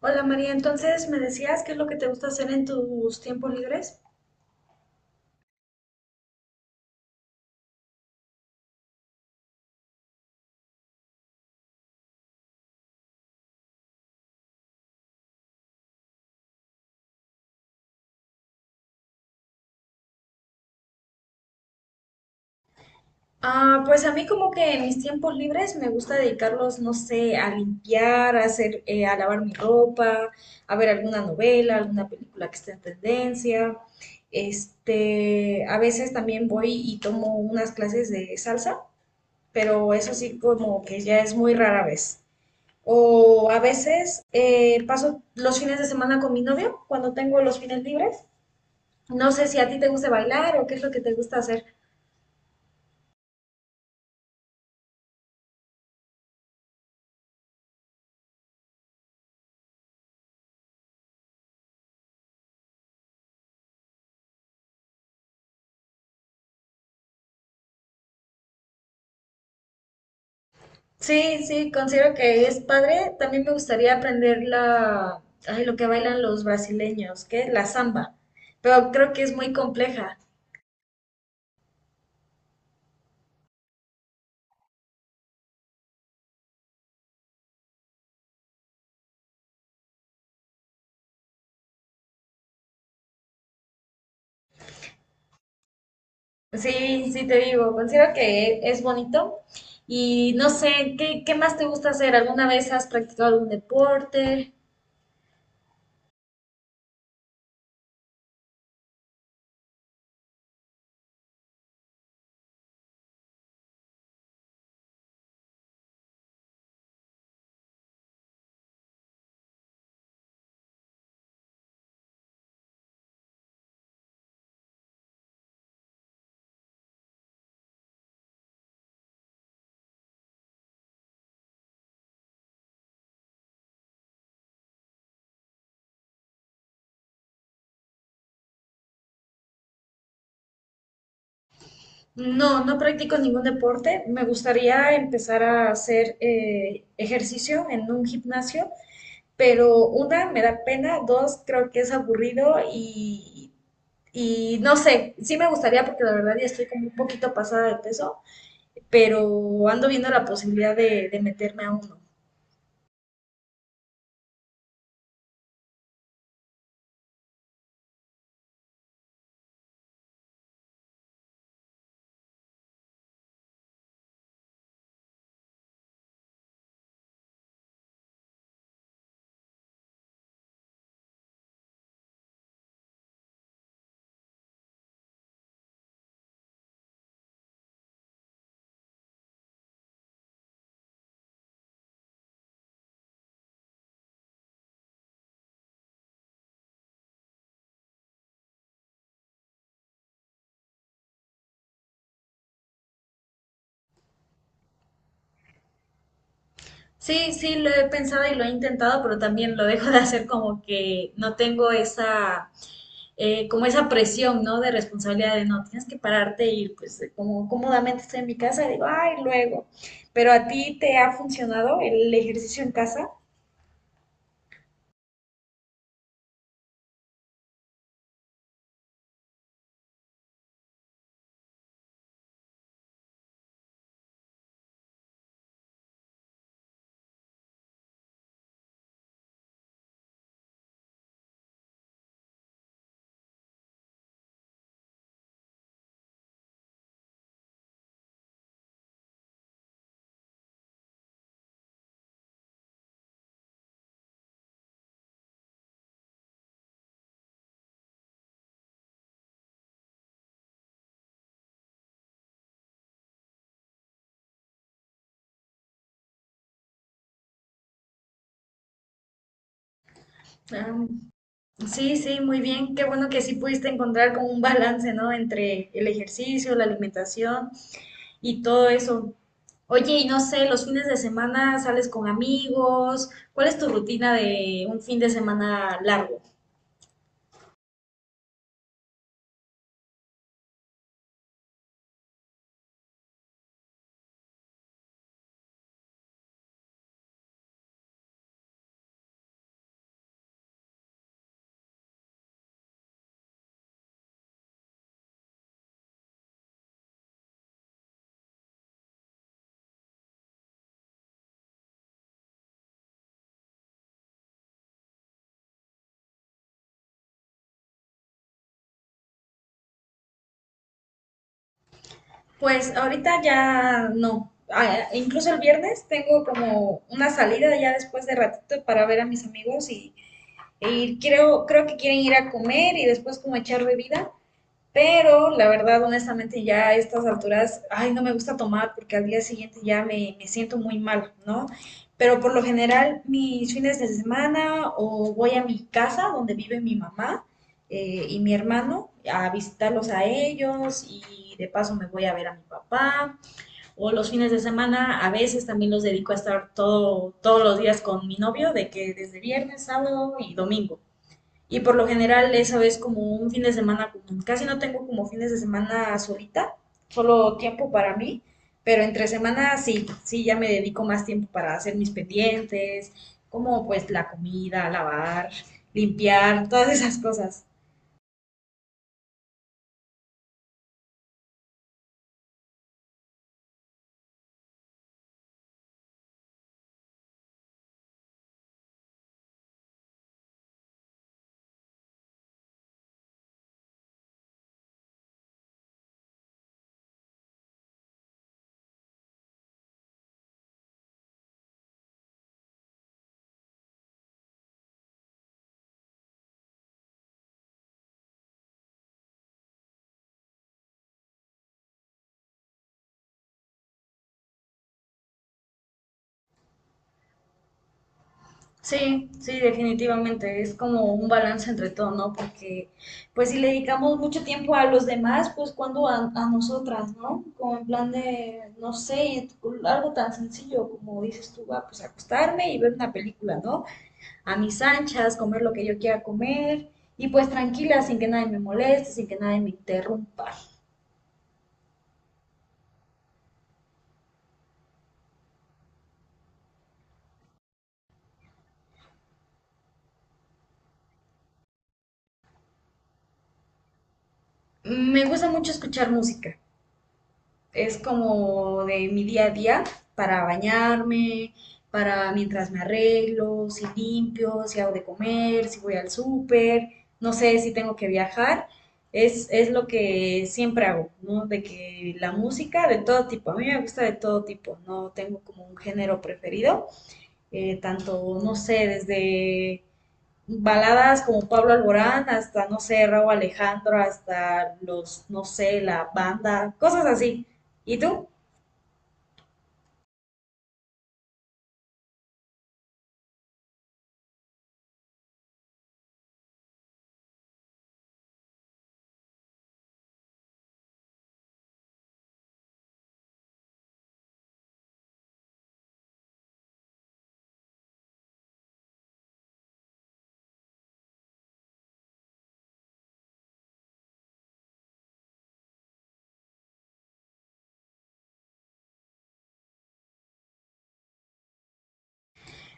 Hola María, entonces me decías qué es lo que te gusta hacer en tus tiempos libres. Ah, pues a mí como que en mis tiempos libres me gusta dedicarlos, no sé, a limpiar, a hacer, a lavar mi ropa, a ver alguna novela, alguna película que esté en tendencia. Este, a veces también voy y tomo unas clases de salsa, pero eso sí como que ya es muy rara vez. O a veces paso los fines de semana con mi novio cuando tengo los fines libres. No sé si a ti te gusta bailar o qué es lo que te gusta hacer. Sí, sí, considero que es padre. También me gustaría aprender la, ay, lo que bailan los brasileños, ¿qué? La samba. Pero creo que es muy compleja. Sí, sí te digo, considero que es bonito. Y no sé, ¿qué, qué más te gusta hacer? ¿Alguna vez has practicado algún deporte? No, no practico ningún deporte. Me gustaría empezar a hacer ejercicio en un gimnasio, pero una me da pena, dos creo que es aburrido y no sé, sí me gustaría porque la verdad ya estoy como un poquito pasada de peso, pero ando viendo la posibilidad de meterme a uno. Sí, sí, lo he pensado y lo he intentado, pero también lo dejo de hacer como que no tengo esa, como esa presión, ¿no? De responsabilidad de no, tienes que pararte y pues como cómodamente estoy en mi casa, digo, ay, luego. ¿Pero a ti te ha funcionado el ejercicio en casa? Ah, sí, sí, muy bien. Qué bueno que sí pudiste encontrar como un balance, ¿no? Entre el ejercicio, la alimentación y todo eso. Oye, y no sé, los fines de semana sales con amigos. ¿Cuál es tu rutina de un fin de semana largo? Pues ahorita ya no. Ah, incluso el viernes tengo como una salida ya después de ratito para ver a mis amigos y creo, creo que quieren ir a comer y después como echar bebida. Pero la verdad, honestamente, ya a estas alturas, ay, no me gusta tomar porque al día siguiente ya me siento muy mal, ¿no? Pero por lo general, mis fines de semana o voy a mi casa donde vive mi mamá y mi hermano a visitarlos a ellos y de paso me voy a ver a mi papá. O los fines de semana a veces también los dedico a estar todo, todos los días con mi novio, de que desde viernes, sábado y domingo. Y por lo general esa vez como un fin de semana común. Casi no tengo como fines de semana solita, solo tiempo para mí, pero entre semana sí, sí ya me dedico más tiempo para hacer mis pendientes, como pues la comida, lavar, limpiar, todas esas cosas. Sí, sí, definitivamente. Es como un balance entre todo, ¿no? Porque, pues, si le dedicamos mucho tiempo a los demás, pues, cuando a nosotras, ¿no? Como en plan de, no sé, algo tan sencillo como dices tú, ah, pues, acostarme y ver una película, ¿no? A mis anchas, comer lo que yo quiera comer y, pues, tranquila, sin que nadie me moleste, sin que nadie me interrumpa. Me gusta mucho escuchar música. Es como de mi día a día, para bañarme, para mientras me arreglo, si limpio, si hago de comer, si voy al súper, no sé si tengo que viajar. Es lo que siempre hago, ¿no? De que la música de todo tipo, a mí me gusta de todo tipo, no tengo como un género preferido, tanto, no sé, desde baladas como Pablo Alborán hasta, no sé, Raúl Alejandro, hasta los, no sé, la banda, cosas así. ¿Y tú?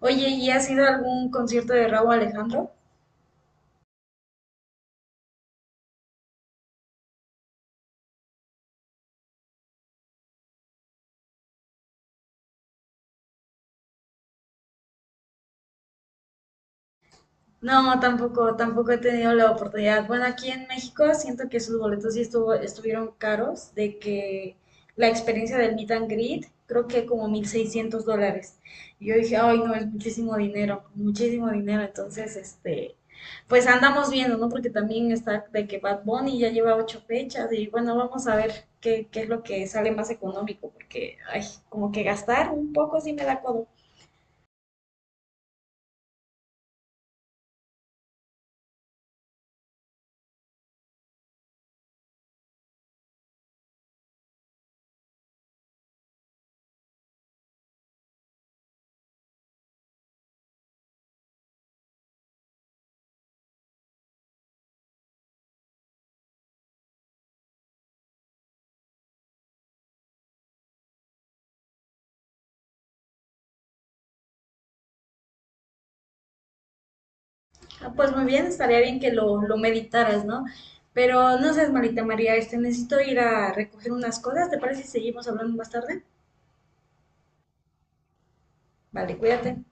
Oye, ¿y has ido a algún concierto de Rauw Alejandro? No, tampoco, tampoco he tenido la oportunidad. Bueno, aquí en México siento que sus boletos sí estuvo, estuvieron caros, de que la experiencia del meet and greet, creo que como $1,600. Y yo dije, ay, no, es muchísimo dinero, muchísimo dinero. Entonces, este, pues andamos viendo, ¿no? Porque también está de que Bad Bunny ya lleva 8 fechas y bueno, vamos a ver qué, qué es lo que sale más económico, porque, ay, como que gastar un poco sí me da codo. Ah, pues muy bien, estaría bien que lo meditaras, ¿no? Pero no seas malita, María, este, necesito ir a recoger unas cosas, ¿te parece si seguimos hablando más tarde? Vale, cuídate.